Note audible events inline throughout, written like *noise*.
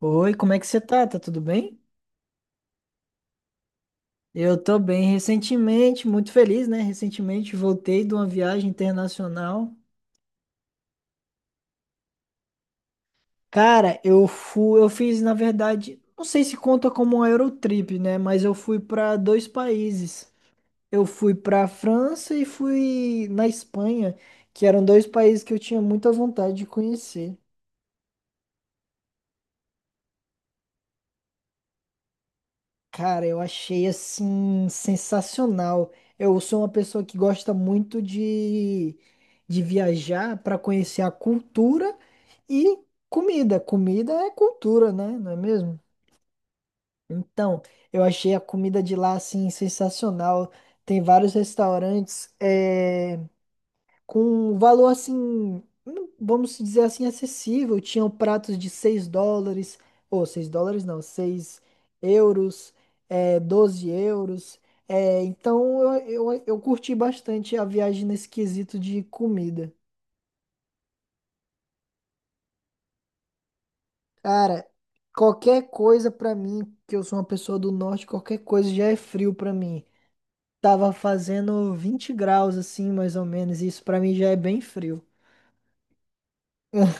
Oi, como é que você tá? Tá tudo bem? Eu tô bem. Recentemente, muito feliz, né? Recentemente voltei de uma viagem internacional. Cara, eu fui, eu fiz, na verdade, não sei se conta como um Eurotrip, né? Mas eu fui para dois países. Eu fui para a França e fui na Espanha, que eram dois países que eu tinha muita vontade de conhecer. Cara, eu achei assim sensacional. Eu sou uma pessoa que gosta muito de viajar para conhecer a cultura e comida. Comida é cultura, né? Não é mesmo? Então, eu achei a comida de lá assim sensacional. Tem vários restaurantes com um valor assim, vamos dizer assim, acessível. Tinham pratos de US$ 6, ou US$ 6 não, € 6, é, € 12. É, então eu curti bastante a viagem nesse quesito de comida. Cara, qualquer coisa pra mim, que eu sou uma pessoa do norte, qualquer coisa já é frio pra mim. Tava fazendo 20 graus assim, mais ou menos, e isso pra mim já é bem frio. *laughs*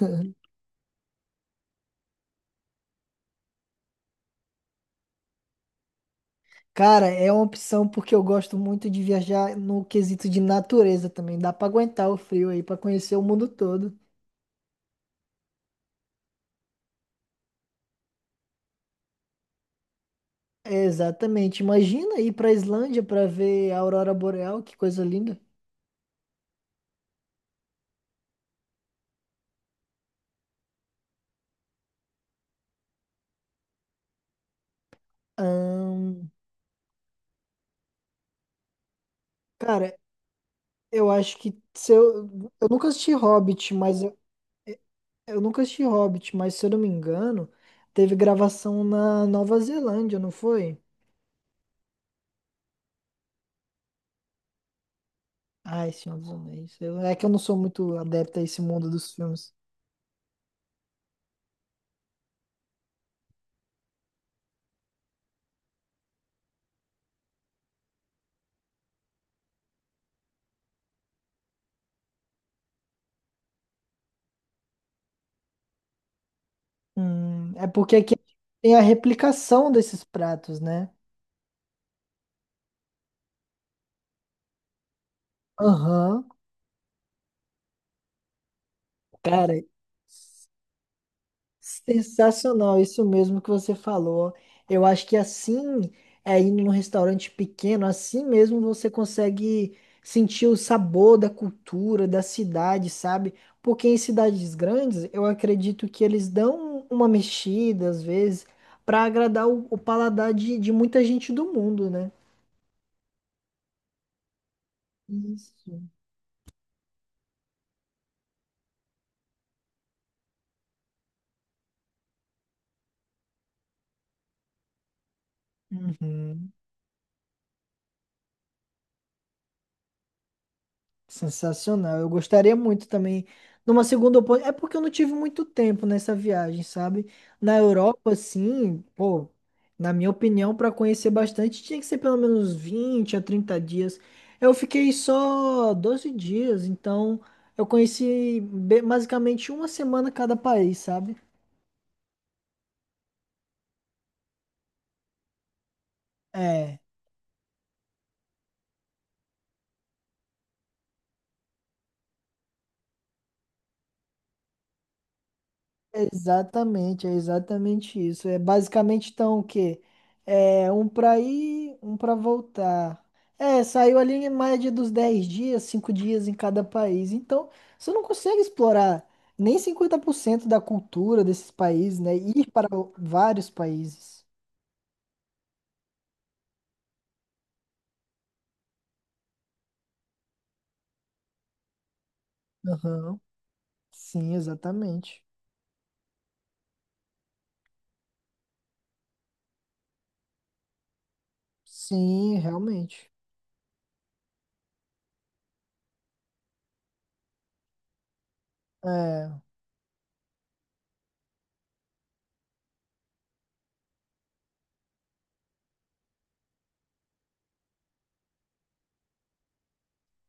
Cara, é uma opção porque eu gosto muito de viajar no quesito de natureza também. Dá pra aguentar o frio aí, pra conhecer o mundo todo. É, exatamente. Imagina ir pra Islândia pra ver a aurora boreal, que coisa linda. Ahn, cara, eu acho que se eu, eu nunca assisti Hobbit, mas eu nunca assisti Hobbit, mas se eu não me engano, teve gravação na Nova Zelândia, não foi? Ai, Senhor dos Anéis. É que eu não sou muito adepto a esse mundo dos filmes. É porque aqui tem a replicação desses pratos, né? Aham, cara, sensacional, isso mesmo que você falou. Eu acho que assim, é indo num restaurante pequeno, assim mesmo você consegue sentir o sabor da cultura, da cidade, sabe? Porque em cidades grandes, eu acredito que eles dão uma mexida, às vezes, para agradar o paladar de muita gente do mundo, né? Isso. Uhum. Sensacional. Eu gostaria muito também de uma segunda oportunidade. É porque eu não tive muito tempo nessa viagem, sabe? Na Europa, assim, pô, na minha opinião, para conhecer bastante, tinha que ser pelo menos 20 a 30 dias. Eu fiquei só 12 dias, então eu conheci basicamente uma semana cada país, sabe? É. Exatamente, é exatamente isso. É basicamente então o quê? É um para ir, um para voltar. É, saiu ali em média dos 10 dias, 5 dias em cada país. Então, você não consegue explorar nem 50% da cultura desses países, né? Ir para o- vários países. Aham. Sim, exatamente. Sim, realmente. É.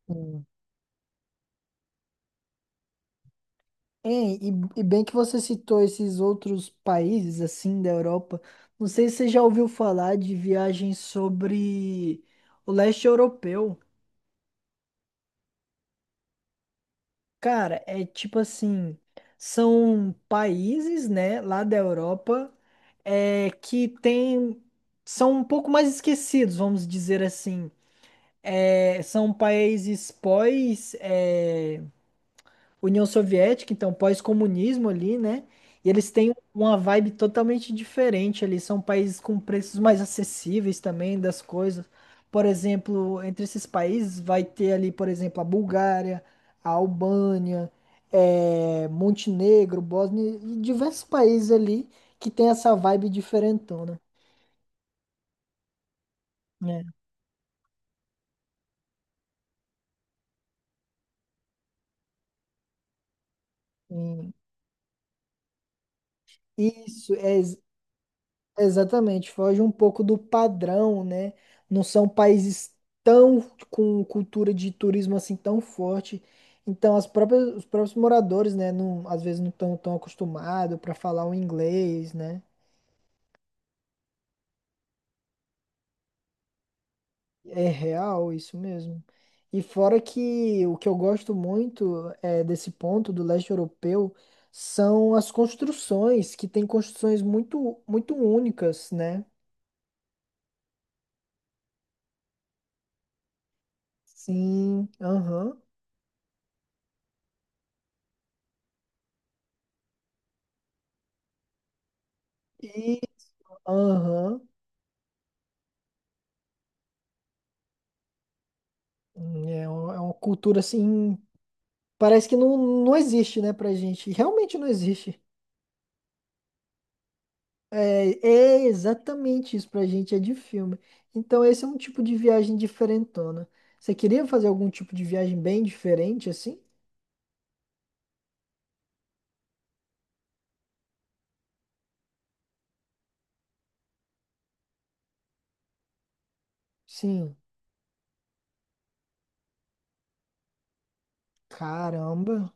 Hum. Hein, e bem que você citou esses outros países assim da Europa. Não sei se você já ouviu falar de viagens sobre o leste europeu. Cara, é tipo assim, são países, né, lá da Europa, que tem, são um pouco mais esquecidos, vamos dizer assim. É, são países pós, União Soviética, então pós-comunismo ali, né? E eles têm uma vibe totalmente diferente ali. São países com preços mais acessíveis também das coisas. Por exemplo, entre esses países vai ter ali, por exemplo, a Bulgária, a Albânia, Montenegro, Bósnia e diversos países ali que tem essa vibe diferentona, né? E isso, exatamente, foge um pouco do padrão, né? Não são países tão com cultura de turismo assim tão forte. Então, as próprias, os próprios moradores, né, não, às vezes não estão tão acostumados para falar o inglês, né? É real isso mesmo. E fora que o que eu gosto muito é, desse ponto do leste europeu são as construções, que tem construções muito, muito únicas, né? Sim, aham. E, aham. É uma, é uma cultura assim, parece que não, não existe, né, pra gente. Realmente não existe. É exatamente isso pra gente, é de filme. Então, esse é um tipo de viagem diferentona. Você queria fazer algum tipo de viagem bem diferente, assim? Sim. Caramba.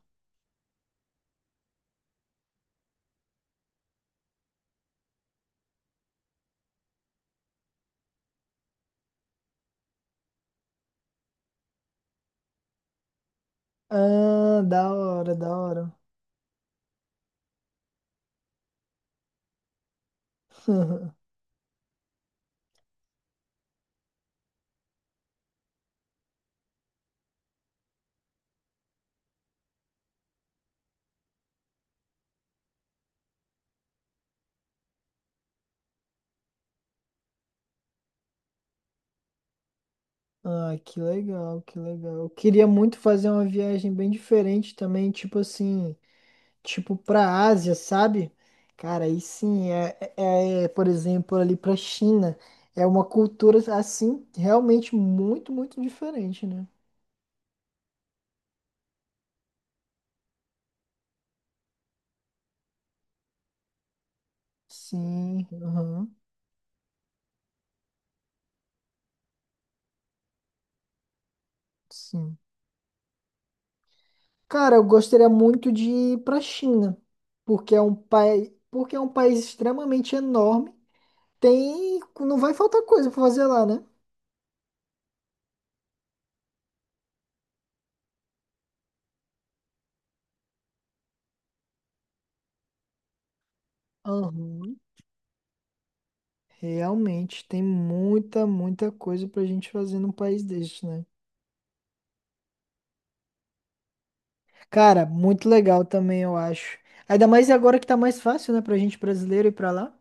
Ah, da hora, da hora. *laughs* Ah, que legal, que legal. Eu queria muito fazer uma viagem bem diferente também, tipo assim. Tipo pra Ásia, sabe? Cara, aí sim, por exemplo, ali pra China, é uma cultura assim realmente muito, muito diferente, né? Sim, aham, sim. Cara, eu gostaria muito de ir pra China, porque é um país, porque é um país extremamente enorme. Tem, não vai faltar coisa pra fazer lá, né? Aham. Realmente tem muita, muita coisa pra gente fazer num país deste, né? Cara, muito legal também, eu acho. Ainda mais agora que tá mais fácil, né, pra gente brasileiro ir pra lá.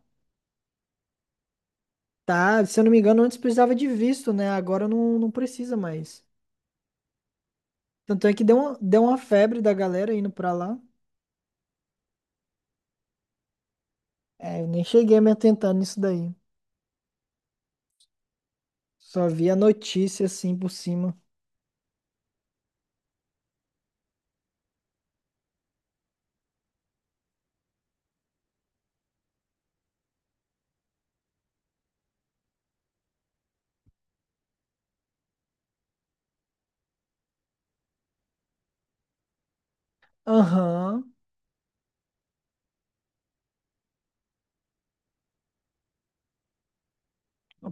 Tá, se eu não me engano, antes precisava de visto, né? Agora não, não precisa mais. Tanto é que deu uma febre da galera indo pra lá. É, eu nem cheguei a me atentar nisso daí. Só vi a notícia assim por cima. Aham.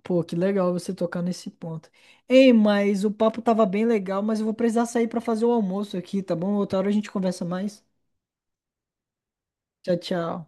Pô, que legal você tocar nesse ponto. Ei, mas o papo tava bem legal, mas eu vou precisar sair pra fazer o almoço aqui, tá bom? Outra hora a gente conversa mais. Tchau, tchau.